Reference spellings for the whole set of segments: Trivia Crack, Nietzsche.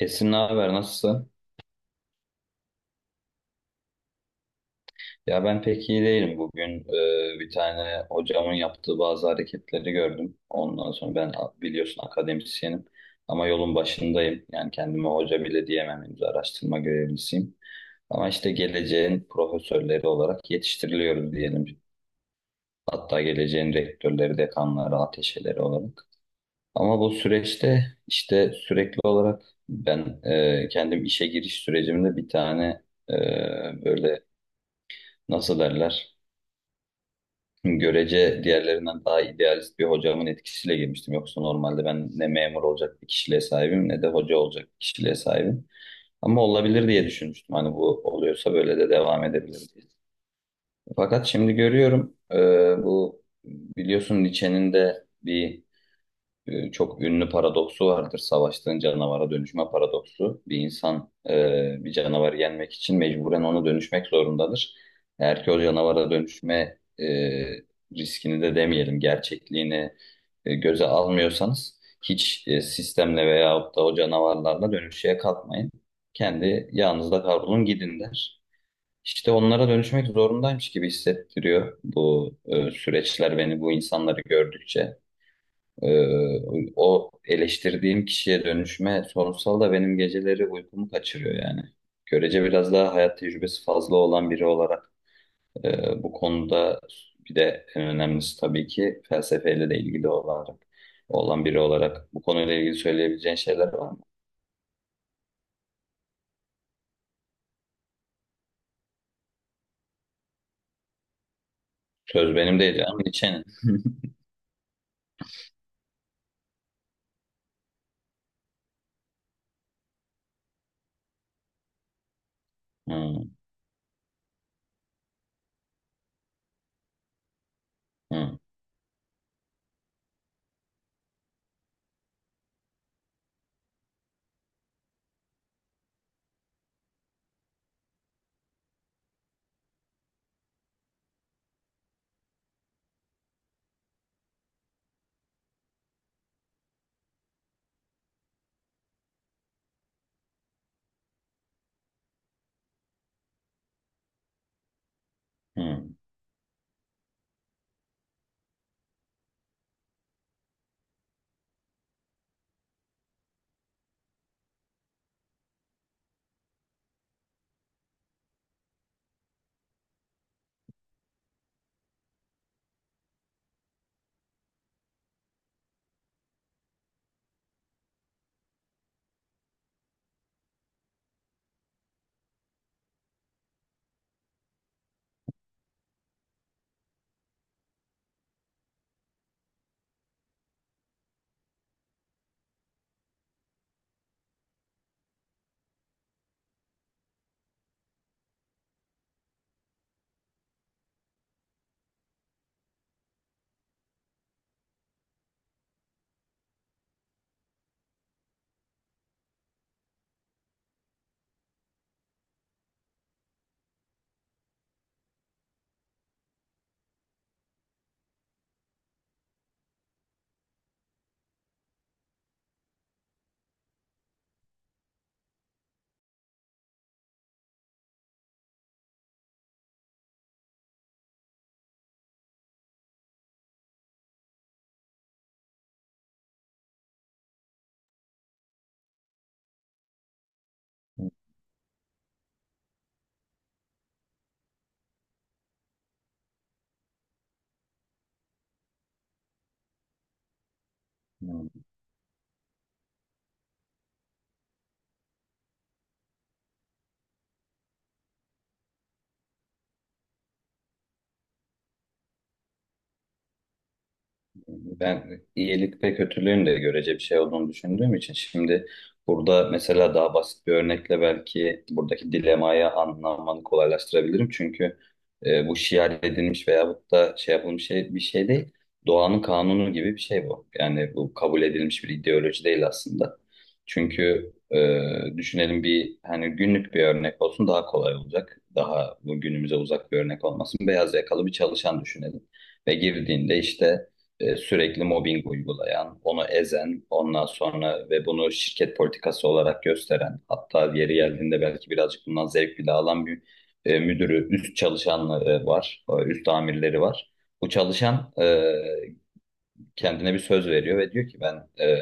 Esin ne haber nasılsın? Ya ben pek iyi değilim bugün. Bir tane hocamın yaptığı bazı hareketleri gördüm. Ondan sonra biliyorsun akademisyenim ama yolun başındayım. Yani kendime hoca bile diyemem henüz araştırma görevlisiyim. Ama işte geleceğin profesörleri olarak yetiştiriliyoruz diyelim. Hatta geleceğin rektörleri, dekanları, ateşeleri olarak. Ama bu süreçte işte sürekli olarak ben kendim işe giriş sürecimde bir tane e, böyle nasıl derler? Görece diğerlerinden daha idealist bir hocamın etkisiyle girmiştim. Yoksa normalde ben ne memur olacak bir kişiliğe sahibim ne de hoca olacak bir kişiliğe sahibim. Ama olabilir diye düşünmüştüm. Hani bu oluyorsa böyle de devam edebilir diye. Fakat şimdi görüyorum bu biliyorsun Nietzsche'nin de bir çok ünlü paradoksu vardır. Savaştığın canavara dönüşme paradoksu. Bir insan bir canavarı yenmek için mecburen ona dönüşmek zorundadır. Eğer ki o canavara dönüşme riskini de demeyelim, gerçekliğini göze almıyorsanız hiç sistemle veyahut da o canavarlarla dönüşmeye kalkmayın. Kendi yağınızda kavrulun gidin der. İşte onlara dönüşmek zorundaymış gibi hissettiriyor bu süreçler beni bu insanları gördükçe. O eleştirdiğim kişiye dönüşme sorunsal da benim geceleri uykumu kaçırıyor yani. Görece biraz daha hayat tecrübesi fazla olan biri olarak bu konuda bir de en önemlisi tabii ki felsefeyle de ilgili olarak olan biri olarak bu konuyla ilgili söyleyebileceğin şeyler var mı? Söz benim değil canım, Nietzsche'nin. Hı, hı, hı, hı, ben iyilik ve kötülüğün de görece bir şey olduğunu düşündüğüm için şimdi burada mesela daha basit bir örnekle belki buradaki dilemayı anlamanı kolaylaştırabilirim. Çünkü bu şiar edilmiş veyahut da şey yapılmış şey, bir şey değil. Doğanın kanunu gibi bir şey bu. Yani bu kabul edilmiş bir ideoloji değil aslında. Çünkü düşünelim bir hani günlük bir örnek olsun daha kolay olacak. Daha bu günümüze uzak bir örnek olmasın. Beyaz yakalı bir çalışan düşünelim ve girdiğinde işte sürekli mobbing uygulayan, onu ezen, ondan sonra ve bunu şirket politikası olarak gösteren, hatta yeri geldiğinde belki birazcık bundan zevk bile alan bir müdürü, üst çalışanları var, üst amirleri var. Bu çalışan kendine bir söz veriyor ve diyor ki ben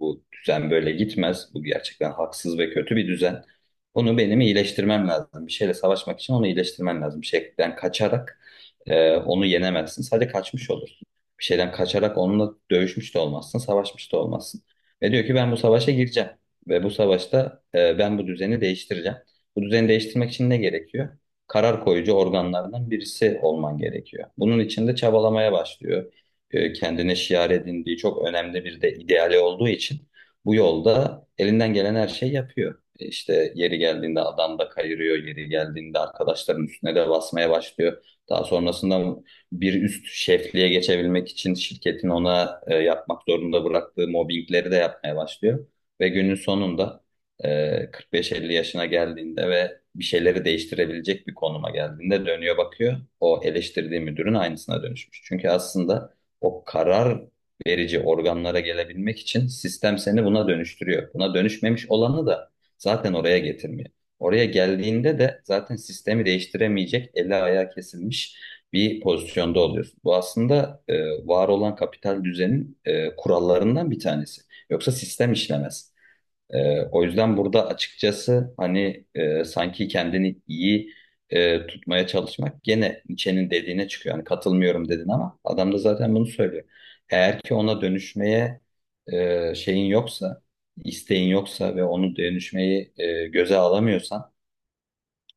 bu düzen böyle gitmez. Bu gerçekten haksız ve kötü bir düzen. Onu benim iyileştirmem lazım. Bir şeyle savaşmak için onu iyileştirmen lazım. Bir şeyden kaçarak onu yenemezsin. Sadece kaçmış olursun. Bir şeyden kaçarak onunla dövüşmüş de olmazsın, savaşmış da olmazsın. Ve diyor ki ben bu savaşa gireceğim. Ve bu savaşta ben bu düzeni değiştireceğim. Bu düzeni değiştirmek için ne gerekiyor? Karar koyucu organlardan birisi olman gerekiyor. Bunun için de çabalamaya başlıyor kendine şiar edindiği çok önemli bir de ideali olduğu için bu yolda elinden gelen her şeyi yapıyor. İşte yeri geldiğinde adam da kayırıyor, yeri geldiğinde arkadaşların üstüne de basmaya başlıyor. Daha sonrasında bir üst şefliğe geçebilmek için şirketin ona yapmak zorunda bıraktığı mobbingleri de yapmaya başlıyor. Ve günün sonunda e, 45-50 yaşına geldiğinde ve bir şeyleri değiştirebilecek bir konuma geldiğinde dönüyor bakıyor. O eleştirdiği müdürün aynısına dönüşmüş. Çünkü aslında o karar verici organlara gelebilmek için sistem seni buna dönüştürüyor. Buna dönüşmemiş olanı da zaten oraya getirmiyor. Oraya geldiğinde de zaten sistemi değiştiremeyecek, eli ayağı kesilmiş bir pozisyonda oluyorsun. Bu aslında var olan kapital düzenin kurallarından bir tanesi. Yoksa sistem işlemez. O yüzden burada açıkçası hani sanki kendini iyi tutmaya çalışmak gene Nietzsche'nin dediğine çıkıyor. Yani katılmıyorum dedin ama adam da zaten bunu söylüyor. Eğer ki ona dönüşmeye şeyin yoksa, isteğin yoksa ve onu dönüşmeyi göze alamıyorsan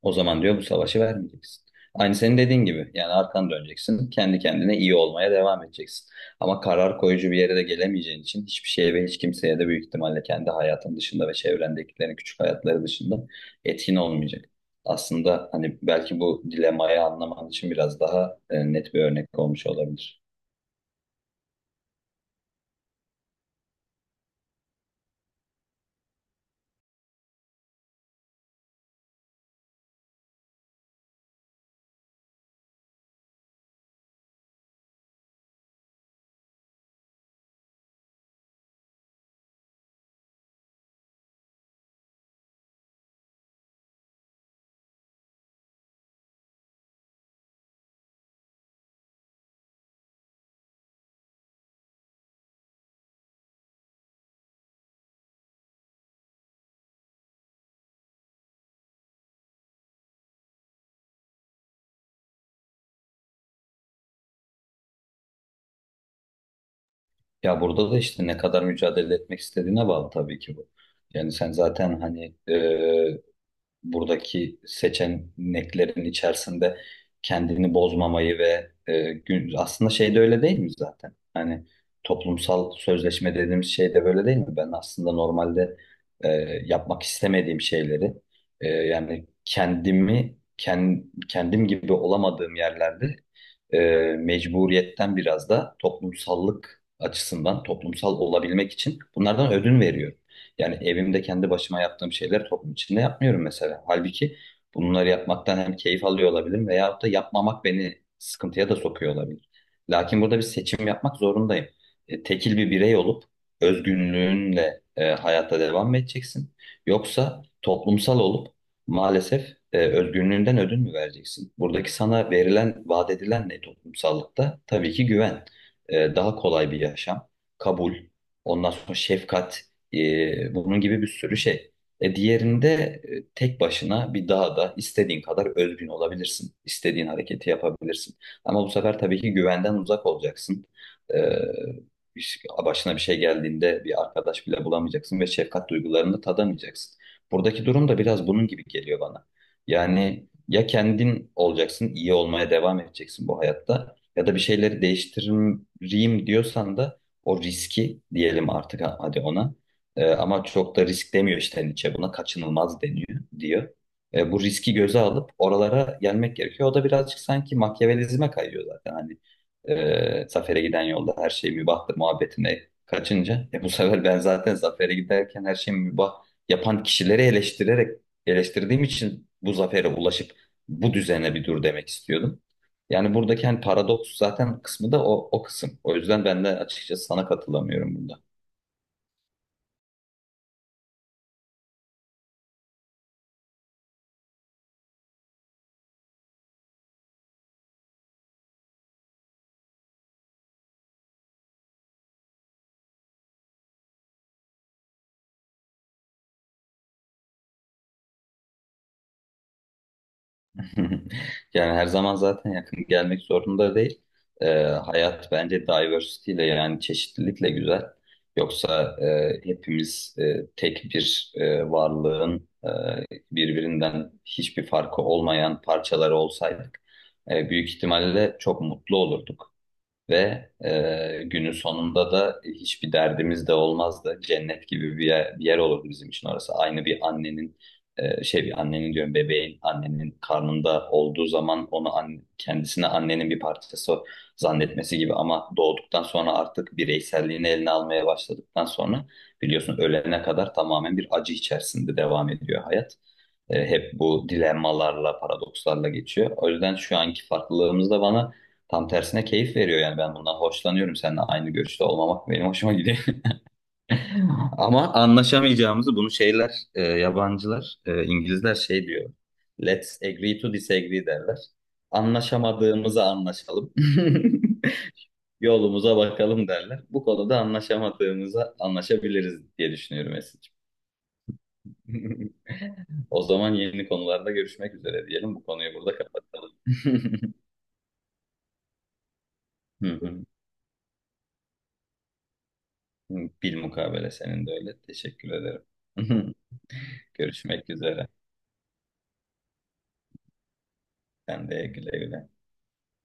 o zaman diyor bu savaşı vermeyeceksin. Aynı senin dediğin gibi. Yani arkan döneceksin. Kendi kendine iyi olmaya devam edeceksin. Ama karar koyucu bir yere de gelemeyeceğin için hiçbir şeye ve hiç kimseye de büyük ihtimalle kendi hayatın dışında ve çevrendekilerin küçük hayatları dışında etkin olmayacak. Aslında hani belki bu dilemayı anlaman için biraz daha net bir örnek olmuş olabilir. Ya burada da işte ne kadar mücadele etmek istediğine bağlı tabii ki bu. Yani sen zaten hani buradaki seçeneklerin içerisinde kendini bozmamayı ve aslında şey de öyle değil mi zaten? Hani toplumsal sözleşme dediğimiz şey de böyle değil mi? Ben aslında normalde e, yapmak istemediğim şeyleri yani kendim gibi olamadığım yerlerde e, mecburiyetten biraz da toplumsallık açısından toplumsal olabilmek için bunlardan ödün veriyorum. Yani evimde kendi başıma yaptığım şeyleri toplum içinde yapmıyorum mesela. Halbuki bunları yapmaktan hem keyif alıyor olabilirim veyahut da yapmamak beni sıkıntıya da sokuyor olabilir. Lakin burada bir seçim yapmak zorundayım. Tekil bir birey olup özgünlüğünle hayatta devam mı edeceksin? Yoksa toplumsal olup maalesef özgünlüğünden ödün mü vereceksin? Buradaki sana verilen, vaat edilen ne toplumsallıkta? Tabii ki güven, daha kolay bir yaşam, kabul, ondan sonra şefkat. Bunun gibi bir sürü şey. Diğerinde tek başına bir dağda istediğin kadar özgün olabilirsin. İstediğin hareketi yapabilirsin. Ama bu sefer tabii ki güvenden uzak olacaksın. Ee, Başına bir şey geldiğinde bir arkadaş bile bulamayacaksın ve şefkat duygularını tadamayacaksın. Buradaki durum da biraz bunun gibi geliyor bana. Yani ya kendin olacaksın, iyi olmaya devam edeceksin bu hayatta ya da bir şeyleri değiştireyim diyorsan da o riski diyelim artık hadi ona. Ama çok da risk demiyor işte Nietzsche buna kaçınılmaz deniyor diyor. Bu riski göze alıp oralara gelmek gerekiyor. O da birazcık sanki Machiavellizme kayıyor zaten. Hani zafere giden yolda her şey mübahtır muhabbetine kaçınca bu sefer ben zaten zafere giderken her şeyi mübah yapan kişileri eleştirerek eleştirdiğim için bu zafere ulaşıp bu düzene bir dur demek istiyordum. Yani buradaki hani paradoks zaten kısmı da o kısım. O yüzden ben de açıkçası sana katılamıyorum bunda. Yani her zaman zaten yakın gelmek zorunda değil. Hayat bence diversity ile yani çeşitlilikle güzel. Yoksa hepimiz tek bir varlığın birbirinden hiçbir farkı olmayan parçaları olsaydık büyük ihtimalle çok mutlu olurduk. Ve günün sonunda da hiçbir derdimiz de olmazdı. Cennet gibi bir yer olurdu bizim için orası. Aynı bir annenin bir annenin diyorum bebeğin annenin karnında olduğu zaman kendisine annenin bir parçası zannetmesi gibi ama doğduktan sonra artık bireyselliğini eline almaya başladıktan sonra biliyorsun ölene kadar tamamen bir acı içerisinde devam ediyor hayat. Hep bu dilemmalarla, paradokslarla geçiyor. O yüzden şu anki farklılığımız da bana tam tersine keyif veriyor. Yani ben bundan hoşlanıyorum. Seninle aynı görüşte olmamak benim hoşuma gidiyor. Ama anlaşamayacağımızı bunu yabancılar, İngilizler şey diyor. Let's agree to disagree derler. Anlaşamadığımızı anlaşalım. Yolumuza bakalım derler. Bu konuda anlaşamadığımıza anlaşabiliriz diye düşünüyorum Esin'ciğim. O zaman yeni konularda görüşmek üzere diyelim. Bu konuyu burada kapatalım. Hı hı. Bilmukabele senin de öyle. Teşekkür ederim. Görüşmek üzere. Sen de güle güle.